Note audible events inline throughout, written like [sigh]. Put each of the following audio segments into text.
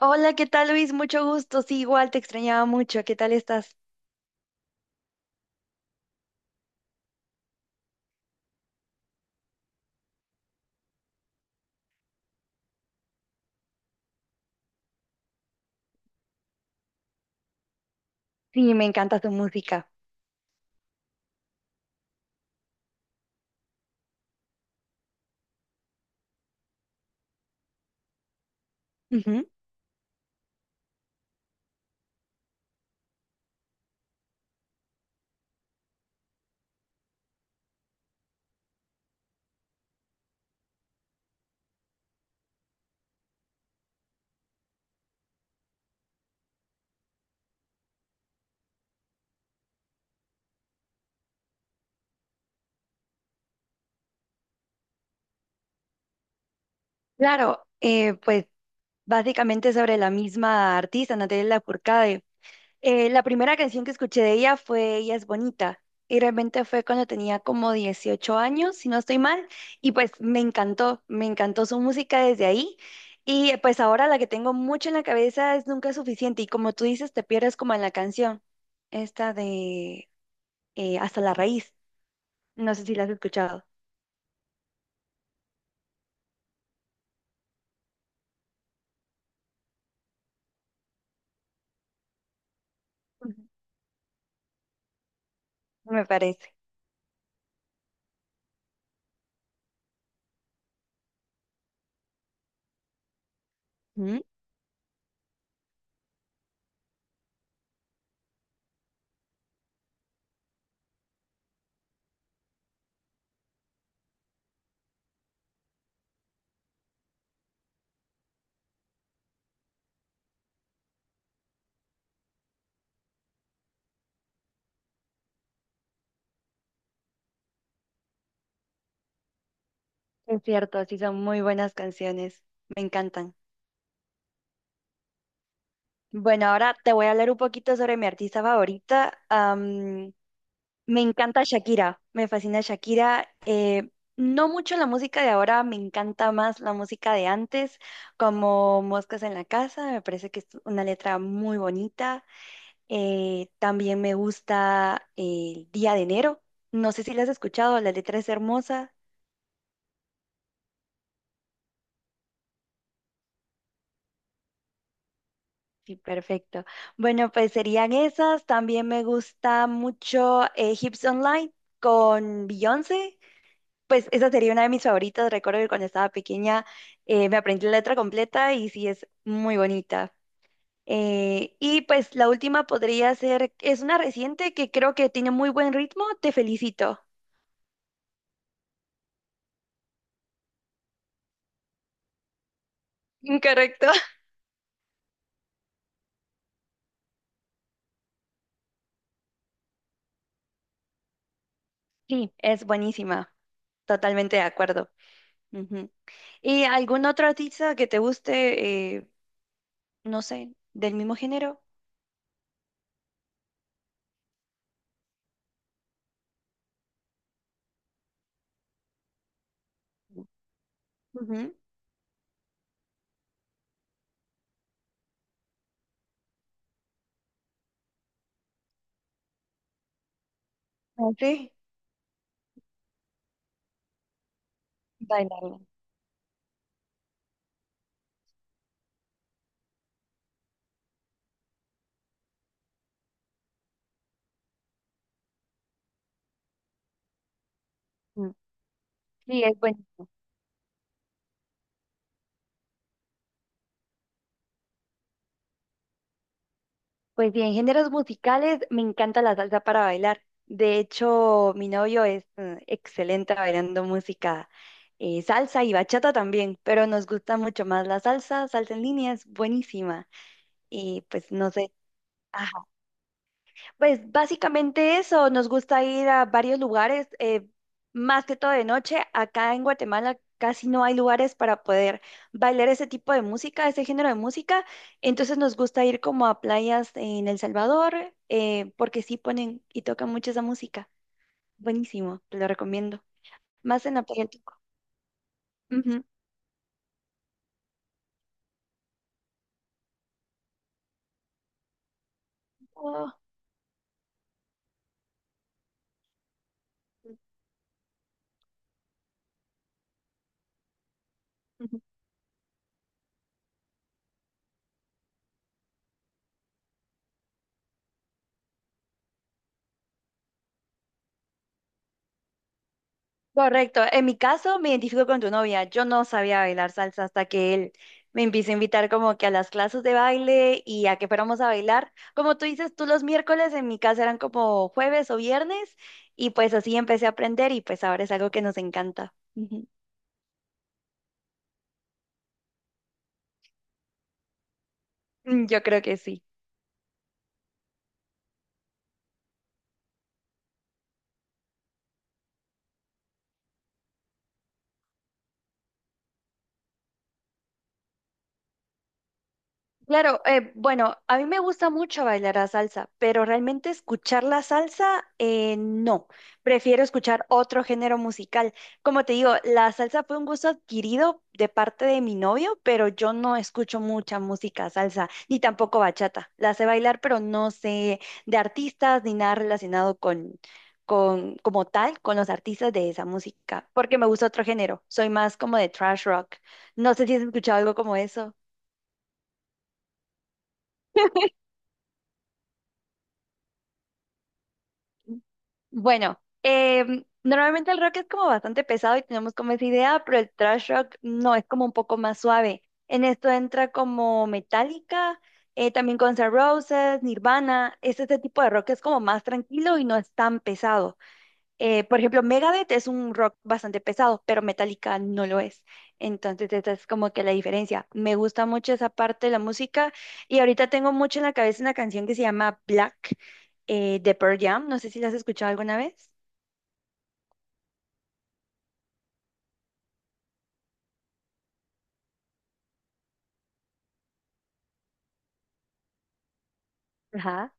Hola, ¿qué tal Luis? Mucho gusto. Sí, igual te extrañaba mucho. ¿Qué tal estás? Sí, me encanta tu música. Ujú. Claro, pues básicamente sobre la misma artista, Natalia Lafourcade. La primera canción que escuché de ella fue Ella es bonita. Y realmente fue cuando tenía como 18 años, si no estoy mal. Y pues me encantó su música desde ahí. Y pues ahora la que tengo mucho en la cabeza es Nunca es suficiente. Y como tú dices, te pierdes como en la canción, esta de Hasta la raíz. No sé si las has escuchado. Ujú. Me parece. ¿Mm? Es cierto, sí son muy buenas canciones. Me encantan. Bueno, ahora te voy a hablar un poquito sobre mi artista favorita. Me encanta Shakira, me fascina Shakira. No mucho la música de ahora, me encanta más la música de antes, como Moscas en la Casa, me parece que es una letra muy bonita. También me gusta el Día de Enero. No sé si la has escuchado, la letra es hermosa. Sí, perfecto. Bueno, pues serían esas. También me gusta mucho Hips Online con Beyoncé. Pues esa sería una de mis favoritas. Recuerdo que cuando estaba pequeña me aprendí la letra completa y sí es muy bonita. Y pues la última podría ser, es una reciente que creo que tiene muy buen ritmo. Te felicito. [laughs] Incorrecto. Sí, es buenísima. Totalmente de acuerdo. Ujú. ¿Y algún otro artista que te guste, no sé, del mismo género? Ujú. Sí. Bailarla. Mm. Sí, es buenísimo. Pues bien, géneros musicales, me encanta la salsa para bailar. De hecho, mi novio es excelente bailando música salsa y bachata también, pero nos gusta mucho más la salsa, salsa en línea es buenísima. Y pues no sé, pues básicamente eso, nos gusta ir a varios lugares, más que todo de noche. Acá en Guatemala casi no hay lugares para poder bailar ese tipo de música, ese género de música. Entonces nos gusta ir como a playas en El Salvador, porque sí ponen y tocan mucho esa música. Buenísimo, te lo recomiendo. Más en la playa del Tuco. Ujú. Oh, ujú. Correcto. En mi caso, me identifico con tu novia. Yo no sabía bailar salsa hasta que él me empieza a invitar como que a las clases de baile y a que fuéramos a bailar. Como tú dices, tú los miércoles en mi casa eran como jueves o viernes y pues así empecé a aprender y pues ahora es algo que nos encanta. [laughs] Ujú. Mm, yo creo que sí. Claro, bueno, a mí me gusta mucho bailar la salsa, pero realmente escuchar la salsa, no. Prefiero escuchar otro género musical. Como te digo, la salsa fue un gusto adquirido de parte de mi novio, pero yo no escucho mucha música salsa, ni tampoco bachata. La sé bailar, pero no sé de artistas ni nada relacionado como tal, con los artistas de esa música, porque me gusta otro género. Soy más como de trash rock. No sé si has escuchado algo como eso. Bueno, normalmente el rock es como bastante pesado y tenemos como esa idea, pero el thrash rock no, es como un poco más suave. En esto entra como Metallica, también Guns N' Roses, Nirvana, es ese tipo de rock que es como más tranquilo y no es tan pesado. Por ejemplo, Megadeth es un rock bastante pesado, pero Metallica no lo es. Entonces, esa es como que la diferencia. Me gusta mucho esa parte de la música y ahorita tengo mucho en la cabeza una canción que se llama Black, de Pearl Jam. No sé si la has escuchado alguna vez. Ajá.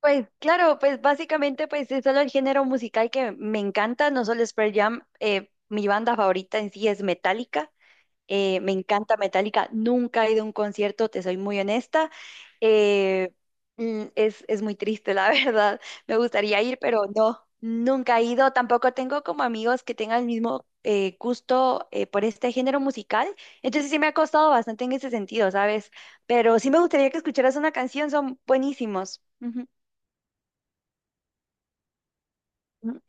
Pues claro, pues básicamente pues es solo el género musical que me encanta, no solo es Pearl Jam, mi banda favorita en sí es Metallica. Me encanta Metallica, nunca he ido a un concierto, te soy muy honesta. Eh, es muy triste, la [laughs] verdad. Me gustaría ir, pero no, nunca he ido. Tampoco tengo como amigos que tengan el mismo gusto por este género musical. Entonces sí me ha costado bastante en ese sentido, ¿sabes? Pero sí me gustaría que escucharas una canción, son buenísimos. Ujú, ujú,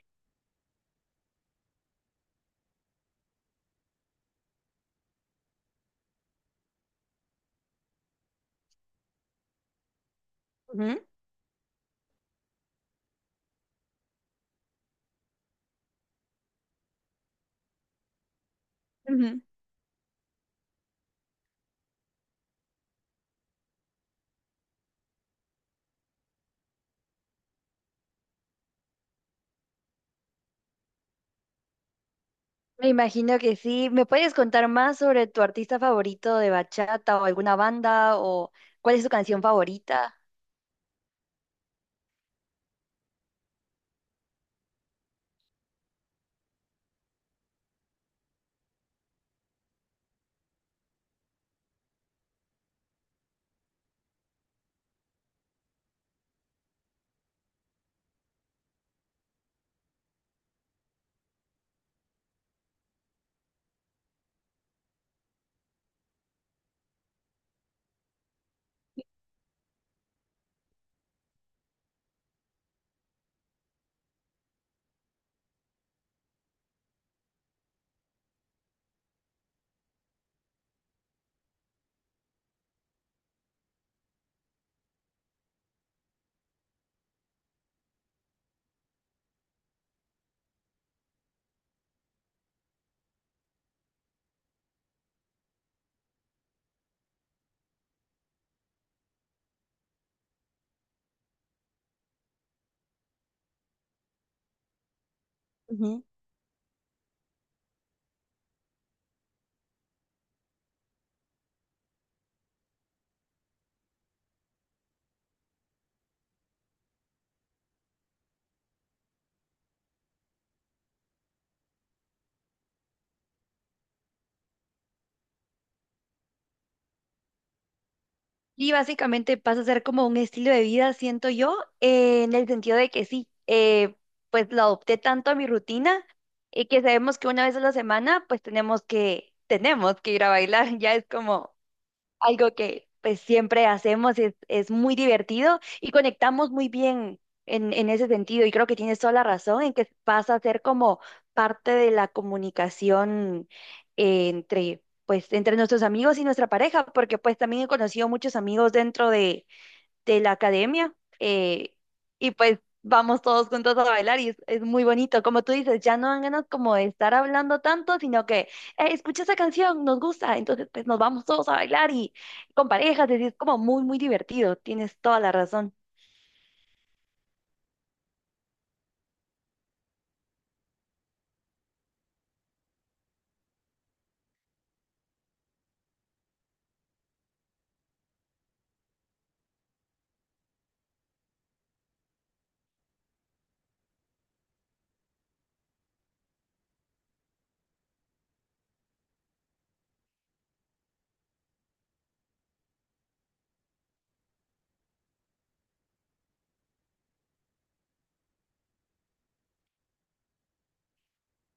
ujú, ujú. Me imagino que sí. ¿Me puedes contar más sobre tu artista favorito de bachata o alguna banda o cuál es tu canción favorita? Ujú. Y básicamente pasa a ser como un estilo de vida, siento yo, en el sentido de que sí, pues lo adopté tanto a mi rutina que sabemos que una vez a la semana pues tenemos que ir a bailar, [laughs] ya es como algo que pues siempre hacemos, es muy divertido y conectamos muy bien en ese sentido. Y creo que tienes toda la razón en que pasa a ser como parte de la comunicación entre, pues, entre nuestros amigos y nuestra pareja, porque pues también he conocido muchos amigos dentro de la academia, eh, y pues vamos todos juntos a bailar y es muy bonito. Como tú dices, ya no dan ganas como de estar hablando tanto, sino que escucha esa canción, nos gusta, entonces pues nos vamos todos a bailar y con parejas, y es como muy, muy divertido. Tienes toda la razón.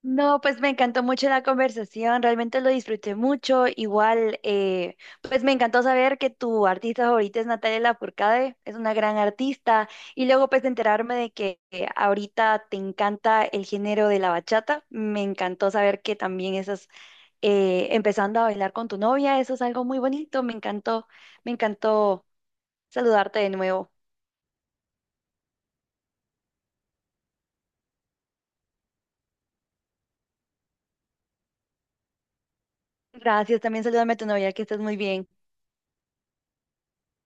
No, pues me encantó mucho la conversación, realmente lo disfruté mucho. Igual, pues me encantó saber que tu artista favorita es Natalia Lafourcade, es una gran artista. Y luego pues enterarme de que ahorita te encanta el género de la bachata. Me encantó saber que también estás empezando a bailar con tu novia, eso es algo muy bonito. Me encantó saludarte de nuevo. Gracias, también salúdame a tu novia, que estés muy bien.